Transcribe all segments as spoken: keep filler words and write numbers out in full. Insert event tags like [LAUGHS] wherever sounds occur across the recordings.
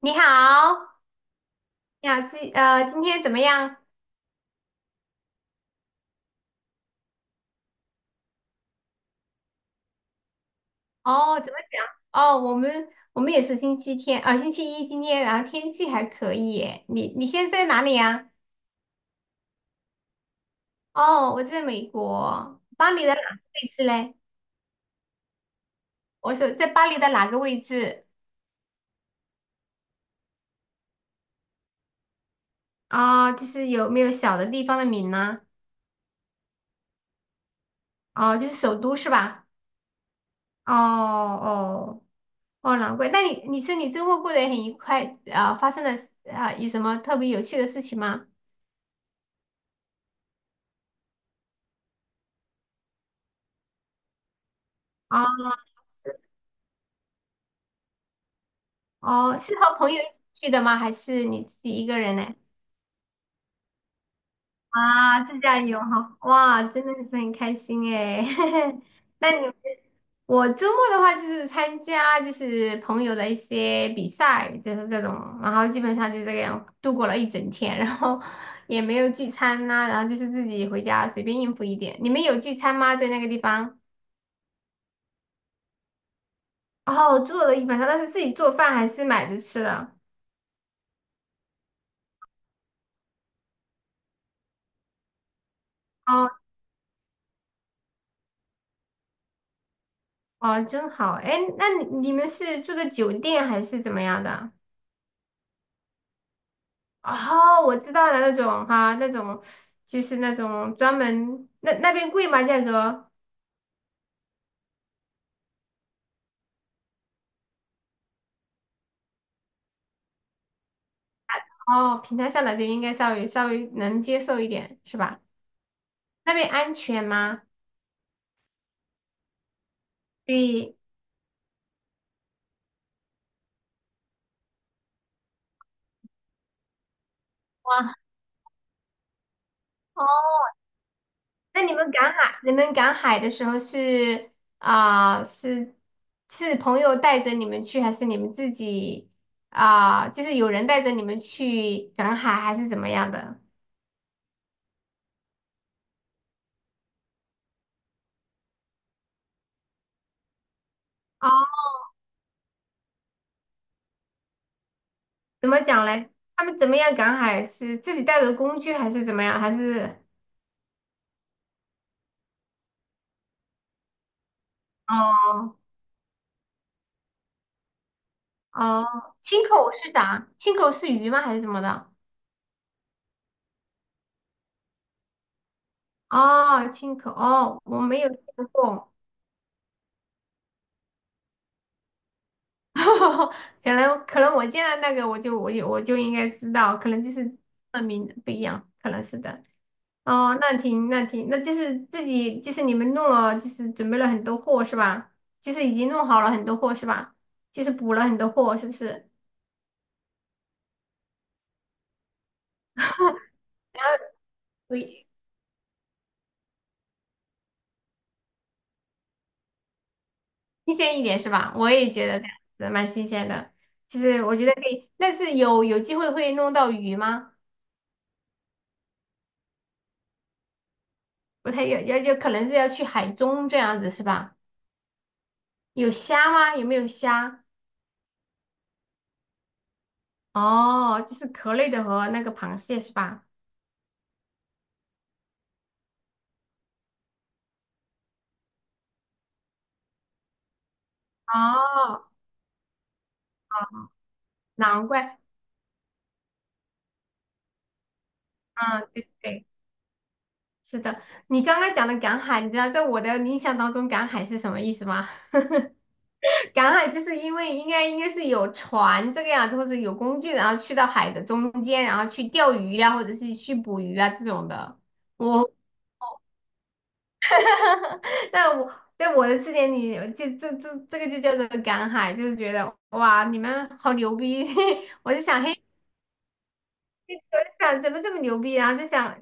你好你好，今呃今天怎么样？哦，怎么讲？哦，我们我们也是星期天啊，星期一今天，然后天气还可以耶。你你现在在哪里呀？哦，我在美国，巴黎的哪个位置嘞？我说在巴黎的哪个位置？啊，就是有没有小的地方的名呢？哦，就是首都是吧？哦哦。哦，难怪。那你你说你周末过得也很愉快，啊？发生了啊有什么特别有趣的事情吗？哦。是。哦，是和朋友一起去的吗？还是你自己一个人呢？啊，自驾游哈，哇，真的是很开心诶。[LAUGHS] 那你。我周末的话就是参加就是朋友的一些比赛，就是这种，然后基本上就这个样度过了一整天，然后 [LAUGHS] 也没有聚餐呐、然后就是自己回家随便应付一点。你们有聚餐吗？在那个地方？哦，做了一晚上，那是自己做饭还是买着吃的？哦，哦，真好。哎，那你你们是住的酒店还是怎么样的？哦，我知道了，那种哈，那种就是那种专门。那那边贵吗？价格？哦，平台上来就应该稍微稍微能接受一点，是吧？那边安全吗？对。哇。哦，那你们赶海，你们赶海的时候是，啊、是是朋友带着你们去，还是你们自己，啊、就是有人带着你们去赶海，还是怎么样的？哦。怎么讲嘞？他们怎么样赶海？是自己带着工具还是怎么样？还是。哦。哦，青口是啥？青口是鱼吗？还是什么的？哦，青口。哦，我没有见过。[LAUGHS] 可能可能我见到那个我就我就我就应该知道，可能就是那名不一样，可能是的。哦，那挺那挺，那就是自己就是你们弄了，就是准备了很多货是吧？就是已经弄好了很多货是吧？就是补了很多货是不是？[LAUGHS] 对。新鲜一点是吧？我也觉得这样子蛮新鲜的。其实我觉得可以，但是有有机会会弄到鱼吗？不太要要要，可能是要去海中这样子是吧？有虾吗？有没有虾？哦，就是壳类的和那个螃蟹是吧？哦，难怪。嗯，对对，是的。你刚刚讲的赶海，你知道在我的印象当中，赶海是什么意思吗？赶海就是因为应该应该是有船这个样子，或者有工具，然后去到海的中间，然后去钓鱼呀、或者是去捕鱼啊这种的。我。[LAUGHS] 但我在我的字典里，这这这这个就叫做赶海，就是觉得哇，你们好牛逼！[LAUGHS] 我就想，嘿，我就想怎么这么牛逼，然后就想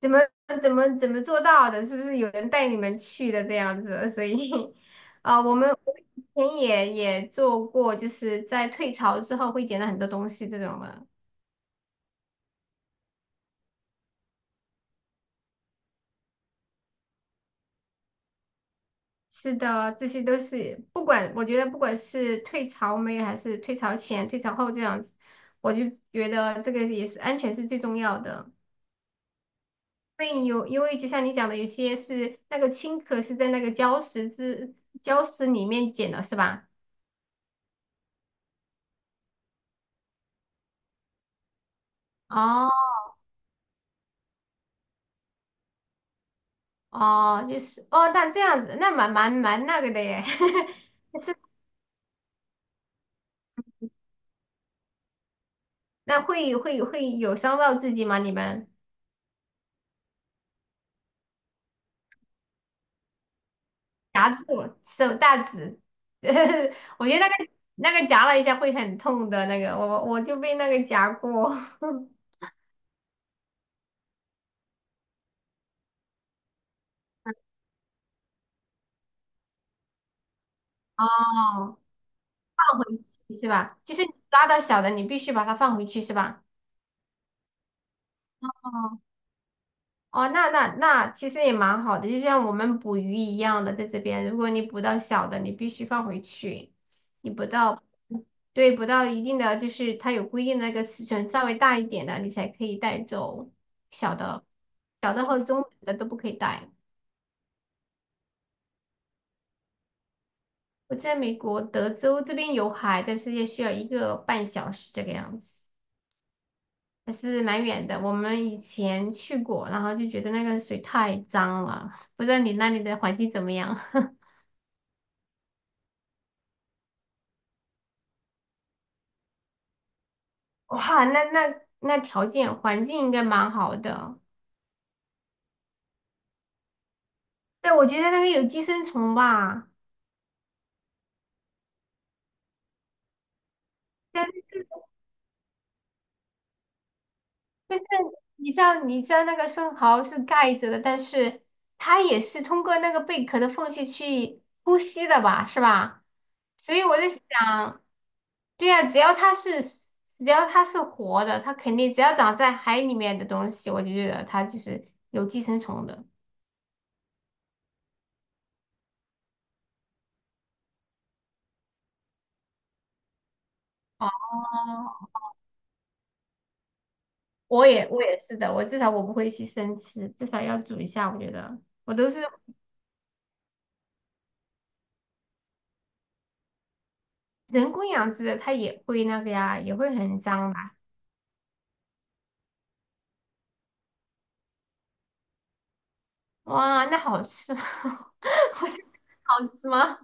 怎么怎么怎么做到的？是不是有人带你们去的这样子？所以。[LAUGHS] 啊、我们我们以前也也做过，就是在退潮之后会捡到很多东西这种的。是的，这些都是不管，我觉得不管是退潮没有，还是退潮前、退潮后这样子，我就觉得这个也是安全是最重要的。因为有，因为就像你讲的，有些是那个青壳是在那个礁石之礁石里面捡的，是吧？哦。哦，就是哦，那这样子，那蛮蛮蛮那个的耶。[LAUGHS] 那会会会有伤到自己吗？你们夹住了手大指。[LAUGHS] 我觉得那个那个夹了一下会很痛的那个，我我就被那个夹过。[LAUGHS] 哦，回去是吧？就是你抓到小的，你必须把它放回去是吧？哦。哦，那那那其实也蛮好的，就像我们捕鱼一样的，在这边，如果你捕到小的，你必须放回去。你捕到，对，捕到一定的，就是它有规定的那个尺寸，稍微大一点的，你才可以带走小的。小的和中等的都不可以带。我在美国德州这边有海，但是也需要一个半小时这个样子，还是蛮远的。我们以前去过，然后就觉得那个水太脏了，不知道你那里的环境怎么样？[LAUGHS] 哇，那那那条件环境应该蛮好的。但我觉得那个有寄生虫吧，但是但是你知道你知道那个生蚝是盖着的，但是它也是通过那个贝壳的缝隙去呼吸的吧，是吧？所以我在想，对呀，只要它是只要它是活的，它肯定只要长在海里面的东西，我就觉得它就是有寄生虫的。哦。我也我也是的，我至少我不会去生吃，至少要煮一下。我觉得。我都是人工养殖的，它也会那个呀，也会很脏吧？哇，那好吃吗？[LAUGHS] 我觉得好吃吗？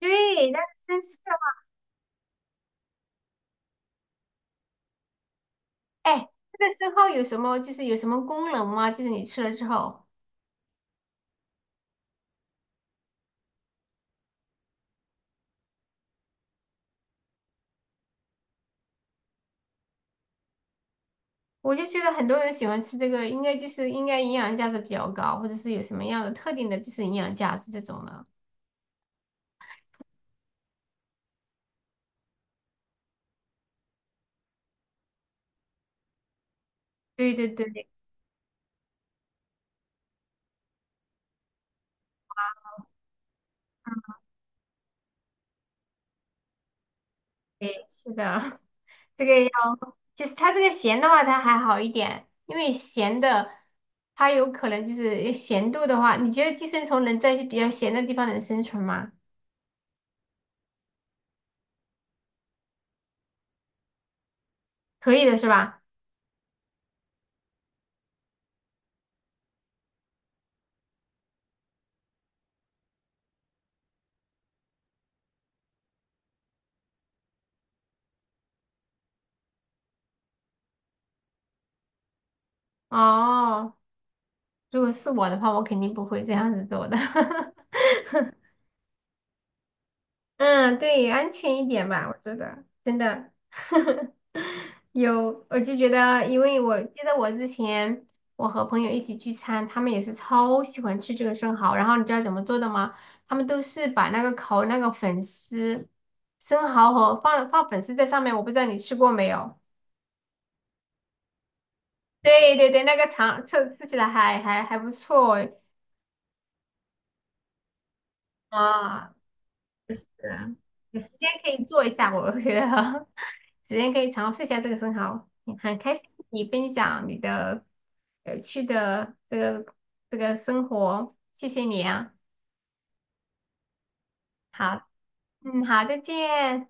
对，那真是的。哎，这个生蚝有什么就是有什么功能吗？就是你吃了之后，我就觉得很多人喜欢吃这个，应该就是应该营养价值比较高，或者是有什么样的特定的就是营养价值这种的。对对对对，是的。[LAUGHS] 这个。其实它这个咸的话，它还好一点，因为咸的它有可能就是咸度的话，你觉得寄生虫能在比较咸的地方能生存吗？可以的是吧？哦，如果是我的话，我肯定不会这样子做的。[LAUGHS] 嗯，对，安全一点吧，我觉得真的。 [LAUGHS] 有，我就觉得，因为我记得我之前我和朋友一起聚餐，他们也是超喜欢吃这个生蚝，然后你知道怎么做的吗？他们都是把那个烤那个粉丝生蚝和放放粉丝在上面，我不知道你吃过没有？对对对，那个尝吃吃起来还还还不错。啊，就是有时间可以做一下，我觉得。首先可以尝试一下这个生蚝，很开心你分享你的有趣的这个这个生活，谢谢你啊。好，嗯，好，再见。